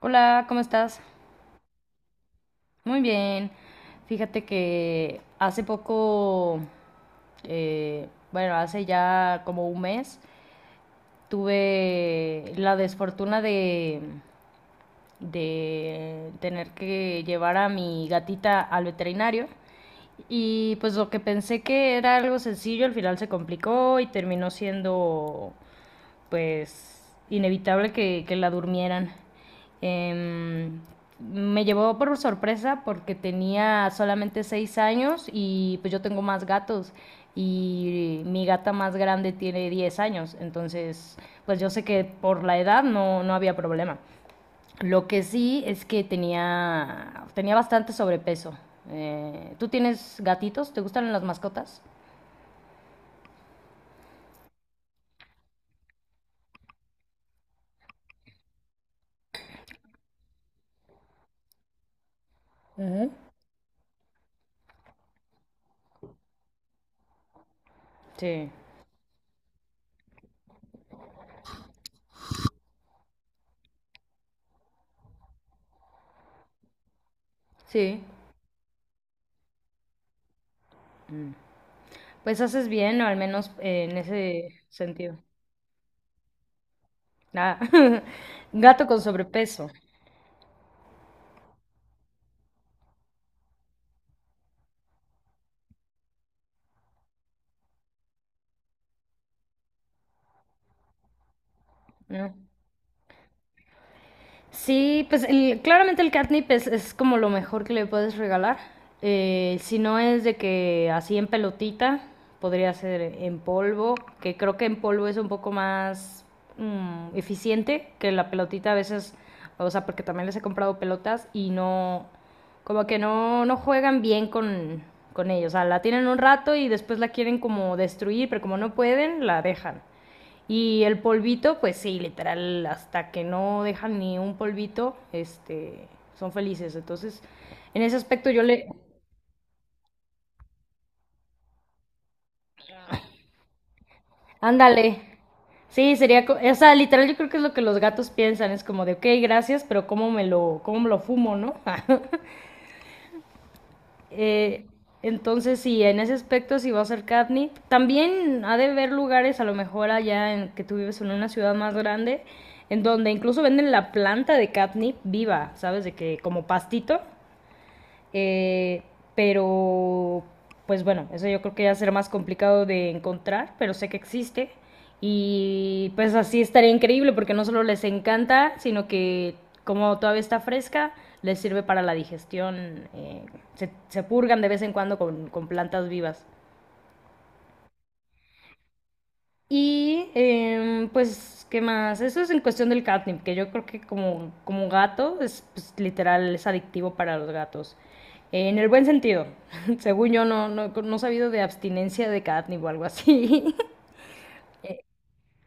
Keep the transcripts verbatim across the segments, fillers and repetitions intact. Hola, ¿cómo estás? Muy bien. Fíjate que hace poco, eh, bueno, hace ya como un mes, tuve la desfortuna de, de tener que llevar a mi gatita al veterinario. Y pues lo que pensé que era algo sencillo, al final se complicó y terminó siendo pues inevitable que, que la durmieran. Eh, me llevó por sorpresa porque tenía solamente seis años y pues yo tengo más gatos y mi gata más grande tiene diez años, entonces pues yo sé que por la edad no, no había problema. Lo que sí es que tenía, tenía bastante sobrepeso. Eh, ¿Tú tienes gatitos? ¿Te gustan las mascotas? Ujú. Sí. Sí. Mm. Pues haces bien, o al menos eh, en ese sentido. Ah, Gato con sobrepeso, ¿no? Sí, pues el- claramente el catnip es, es como lo mejor que le puedes regalar. Eh, si no es de que así en pelotita, podría ser en polvo, que creo que en polvo es un poco más mm, eficiente que la pelotita a veces, o sea, porque también les he comprado pelotas y no, como que no, no juegan bien con, con, ellos. O sea, la tienen un rato y después la quieren como destruir, pero como no pueden, la dejan. Y el polvito, pues sí, literal, hasta que no dejan ni un polvito, este, son felices. Entonces, en ese aspecto yo le... Ándale. Sí, sería... co- O sea, literal yo creo que es lo que los gatos piensan. Es como de, ok, gracias, pero ¿cómo me lo, cómo me lo fumo, ¿no? Eh, entonces, sí, en ese aspecto sí va a ser catnip. También ha de haber lugares, a lo mejor allá en que tú vives en una ciudad más grande, en donde incluso venden la planta de catnip viva, ¿sabes? De que como pastito. Eh, pero, pues bueno, eso yo creo que ya será más complicado de encontrar, pero sé que existe. Y pues así estaría increíble porque no solo les encanta, sino que como todavía está fresca, les sirve para la digestión. eh, se, se purgan de vez en cuando con, con plantas vivas. Y em, pues, ¿qué más? Eso es en cuestión del catnip, que yo creo que como, como gato es pues, literal, es adictivo para los gatos. En el buen sentido. Según yo, no, no, no he sabido de abstinencia de catnip o algo así.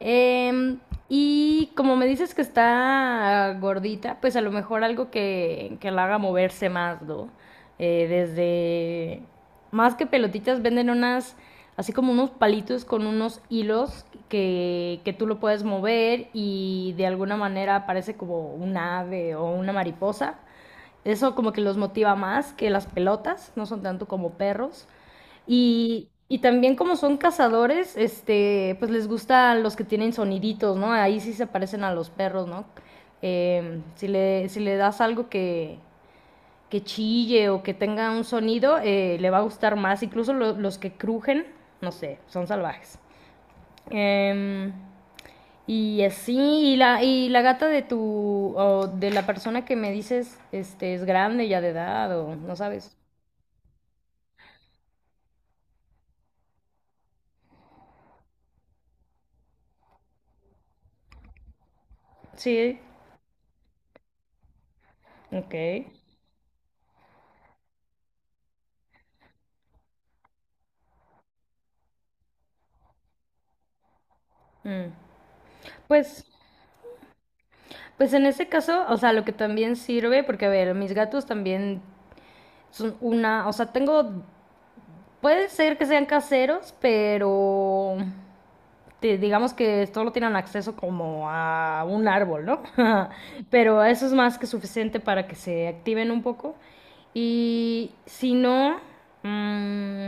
Em, y como me dices que está gordita, pues a lo mejor algo que, que la haga moverse más, ¿no? Eh, desde, más que pelotitas, venden unas, así como unos palitos con unos hilos que, que tú lo puedes mover y de alguna manera parece como un ave o una mariposa. Eso como que los motiva más que las pelotas, no son tanto como perros. Y, y también como son cazadores, este, pues les gustan los que tienen soniditos, ¿no? Ahí sí se parecen a los perros, ¿no? Eh, si le, si le das algo que, que chille o que tenga un sonido, eh, le va a gustar más. Incluso lo- los que crujen, no sé, son salvajes. Em, y así, y la, y la gata de tu, o de la persona que me dices, este, es grande ya de edad o no sabes. Sí, ok. Mm. Pues Pues en ese caso, o sea, lo que también sirve, porque a ver, mis gatos también son una, o sea, tengo, puede ser que sean caseros, pero digamos que solo tienen acceso como a un árbol, ¿no? Pero eso es más que suficiente para que se activen un poco. Y si no, mm,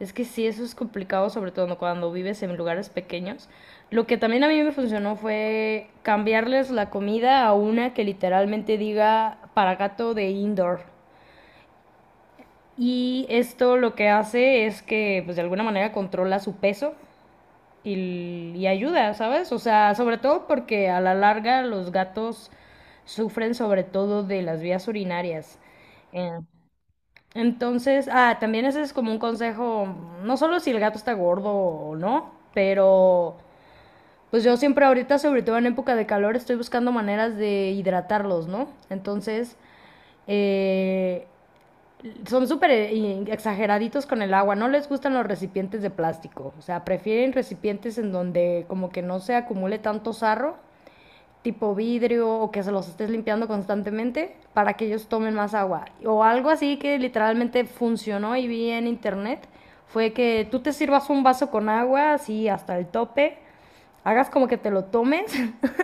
es que sí, eso es complicado, sobre todo cuando vives en lugares pequeños. Lo que también a mí me funcionó fue cambiarles la comida a una que literalmente diga para gato de indoor. Y esto lo que hace es que, pues de alguna manera controla su peso y, y ayuda, ¿sabes? O sea, sobre todo porque a la larga los gatos sufren sobre todo de las vías urinarias. Eh, entonces, ah, también ese es como un consejo, no solo si el gato está gordo o no, pero pues yo siempre ahorita, sobre todo en época de calor, estoy buscando maneras de hidratarlos, ¿no? Entonces, eh, son súper eh, exageraditos con el agua, no les gustan los recipientes de plástico, o sea, prefieren recipientes en donde como que no se acumule tanto sarro, tipo vidrio o que se los estés limpiando constantemente para que ellos tomen más agua. O algo así que literalmente funcionó y vi en internet fue que tú te sirvas un vaso con agua así hasta el tope, hagas como que te lo tomes.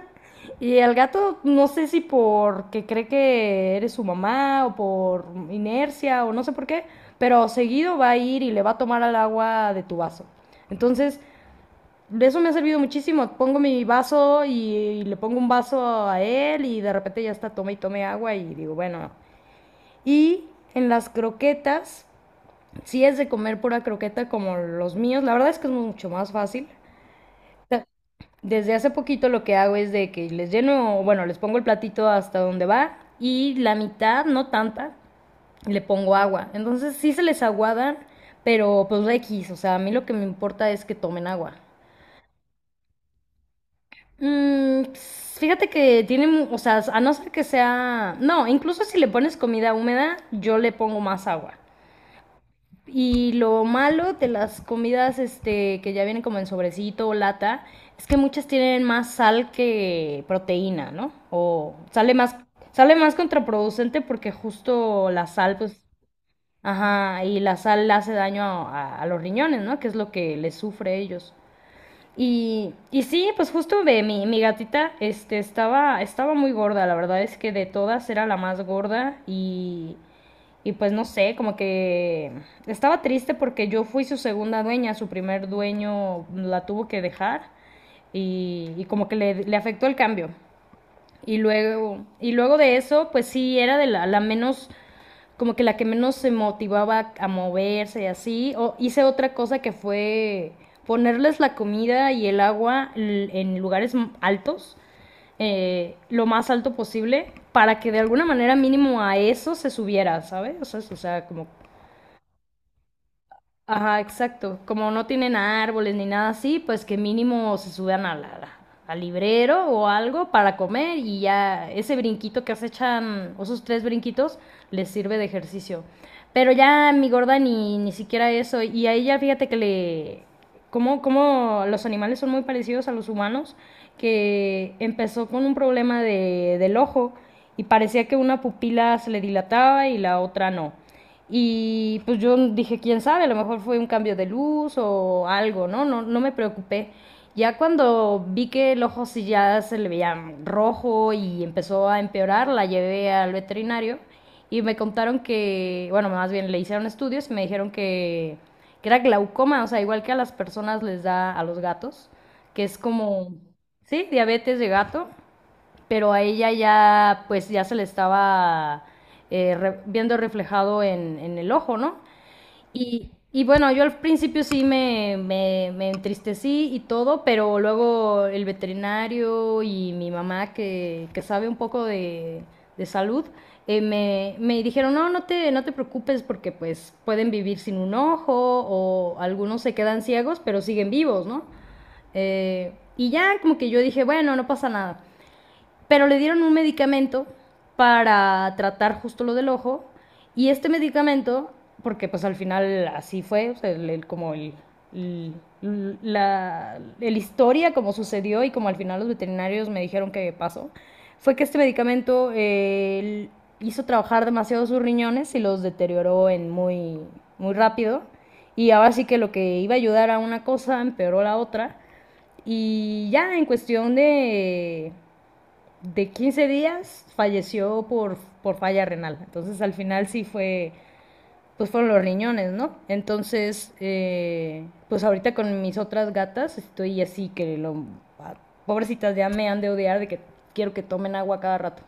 Y el gato, no sé si porque cree que eres su mamá o por inercia o no sé por qué, pero seguido va a ir y le va a tomar al agua de tu vaso. Entonces, eso me ha servido muchísimo. Pongo mi vaso y, y le pongo un vaso a él y de repente ya está, tome y tome agua y digo, bueno. Y en las croquetas, si es de comer pura croqueta como los míos, la verdad es que es mucho más fácil. Ta- Desde hace poquito lo que hago es de que les lleno, bueno, les pongo el platito hasta donde va y la mitad, no tanta, le pongo agua. Entonces sí se les aguadan, pero pues X, o sea, a mí lo que me importa es que tomen agua. Mm, pues, fíjate que tiene, mu- o sea, a no ser que sea, no, incluso si le pones comida húmeda, yo le pongo más agua. Y lo malo de las comidas este, que ya vienen como en sobrecito o lata es que muchas tienen más sal que proteína, ¿no? O sale más, sale más contraproducente porque justo la sal, pues, ajá, y la sal hace daño a, a- a los riñones, ¿no? Que es lo que les sufre a ellos. Y, y sí, pues justo ve, mi, mi gatita este, estaba, estaba muy gorda, la verdad es que de todas era la más gorda y, y pues no sé, como que estaba triste porque yo fui su segunda dueña, su primer dueño la tuvo que dejar y, y como que le, le afectó el cambio. Y luego, y luego de eso, pues sí, era de la, la menos como que la que menos se motivaba a moverse y así. O hice otra cosa que fue ponerles la comida y el agua l- en lugares m- altos, eh, lo más alto posible, para que de alguna manera mínimo a eso se subiera, ¿sabes? O sea, o sea, como. Ajá, exacto. Como no tienen árboles ni nada así, pues que mínimo se suban a la- al librero o algo para comer y ya ese brinquito que se echan, o esos tres brinquitos, les sirve de ejercicio. Pero ya mi gorda ni, ni siquiera eso. Y a ella fíjate que le... Como, como los animales son muy parecidos a los humanos, que empezó con un problema de, del ojo y parecía que una pupila se le dilataba y la otra no. Y pues yo dije, quién sabe, a lo mejor fue un cambio de luz o algo, ¿no? No, no me preocupé. Ya cuando vi que el ojo sí ya se le veía rojo y empezó a empeorar, la llevé al veterinario y me contaron que, bueno, más bien le hicieron estudios y me dijeron que, que era glaucoma, o sea, igual que a las personas les da a los gatos, que es como, sí, diabetes de gato, pero a ella ya, pues ya se le estaba eh, re- viendo reflejado en, en, el ojo, ¿no? Y, y bueno, yo al principio sí me, me, me entristecí y todo, pero luego el veterinario y mi mamá, que, que sabe un poco de, de salud, eh, me, me dijeron, no, no te, no te preocupes porque pues pueden vivir sin un ojo o algunos se quedan ciegos, pero siguen vivos, ¿no? Eh, y ya como que yo dije, bueno, no pasa nada. Pero le dieron un medicamento para tratar justo lo del ojo y este medicamento, porque pues al final así fue, o sea, el- el- como el, el- la el historia, como sucedió y como al final los veterinarios me dijeron que pasó, fue que este medicamento eh, hizo trabajar demasiado sus riñones y los deterioró en muy, muy rápido. Y ahora sí que lo que iba a ayudar a una cosa empeoró la otra. Y ya en cuestión de de quince días falleció por, por falla renal. Entonces al final sí fue, pues fueron los riñones, ¿no? Entonces, eh, pues ahorita con mis otras gatas estoy así que lo, ah, pobrecitas ya me han de odiar de que quiero que tomen agua cada rato.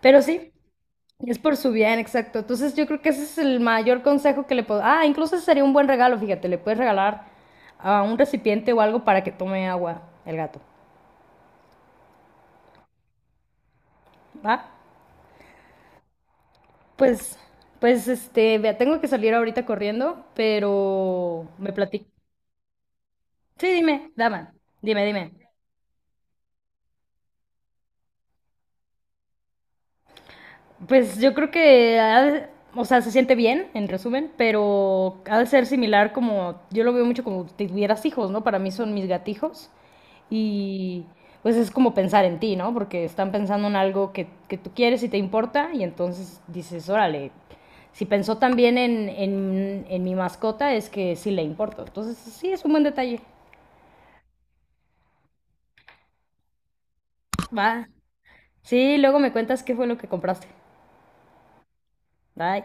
Pero sí, es por su bien, exacto. Entonces yo creo que ese es el mayor consejo que le puedo... Ah, incluso ese sería un buen regalo, fíjate, le puedes regalar a un recipiente o algo para que tome agua el gato. ¿Va? Pues, pues, este, vea, tengo que salir ahorita corriendo, pero me platico. Sí, dime, dama, dime, dime. Pues yo creo que, ha de- o sea, se siente bien, en resumen, pero ha de ser similar como, yo lo veo mucho como si tuvieras hijos, ¿no? Para mí son mis gatijos y pues es como pensar en ti, ¿no? Porque están pensando en algo que, que tú quieres y te importa y entonces dices, órale, si pensó también en, en, en mi mascota es que sí le importo. Entonces sí, es un buen detalle. Va. Sí, luego me cuentas qué fue lo que compraste. Bye.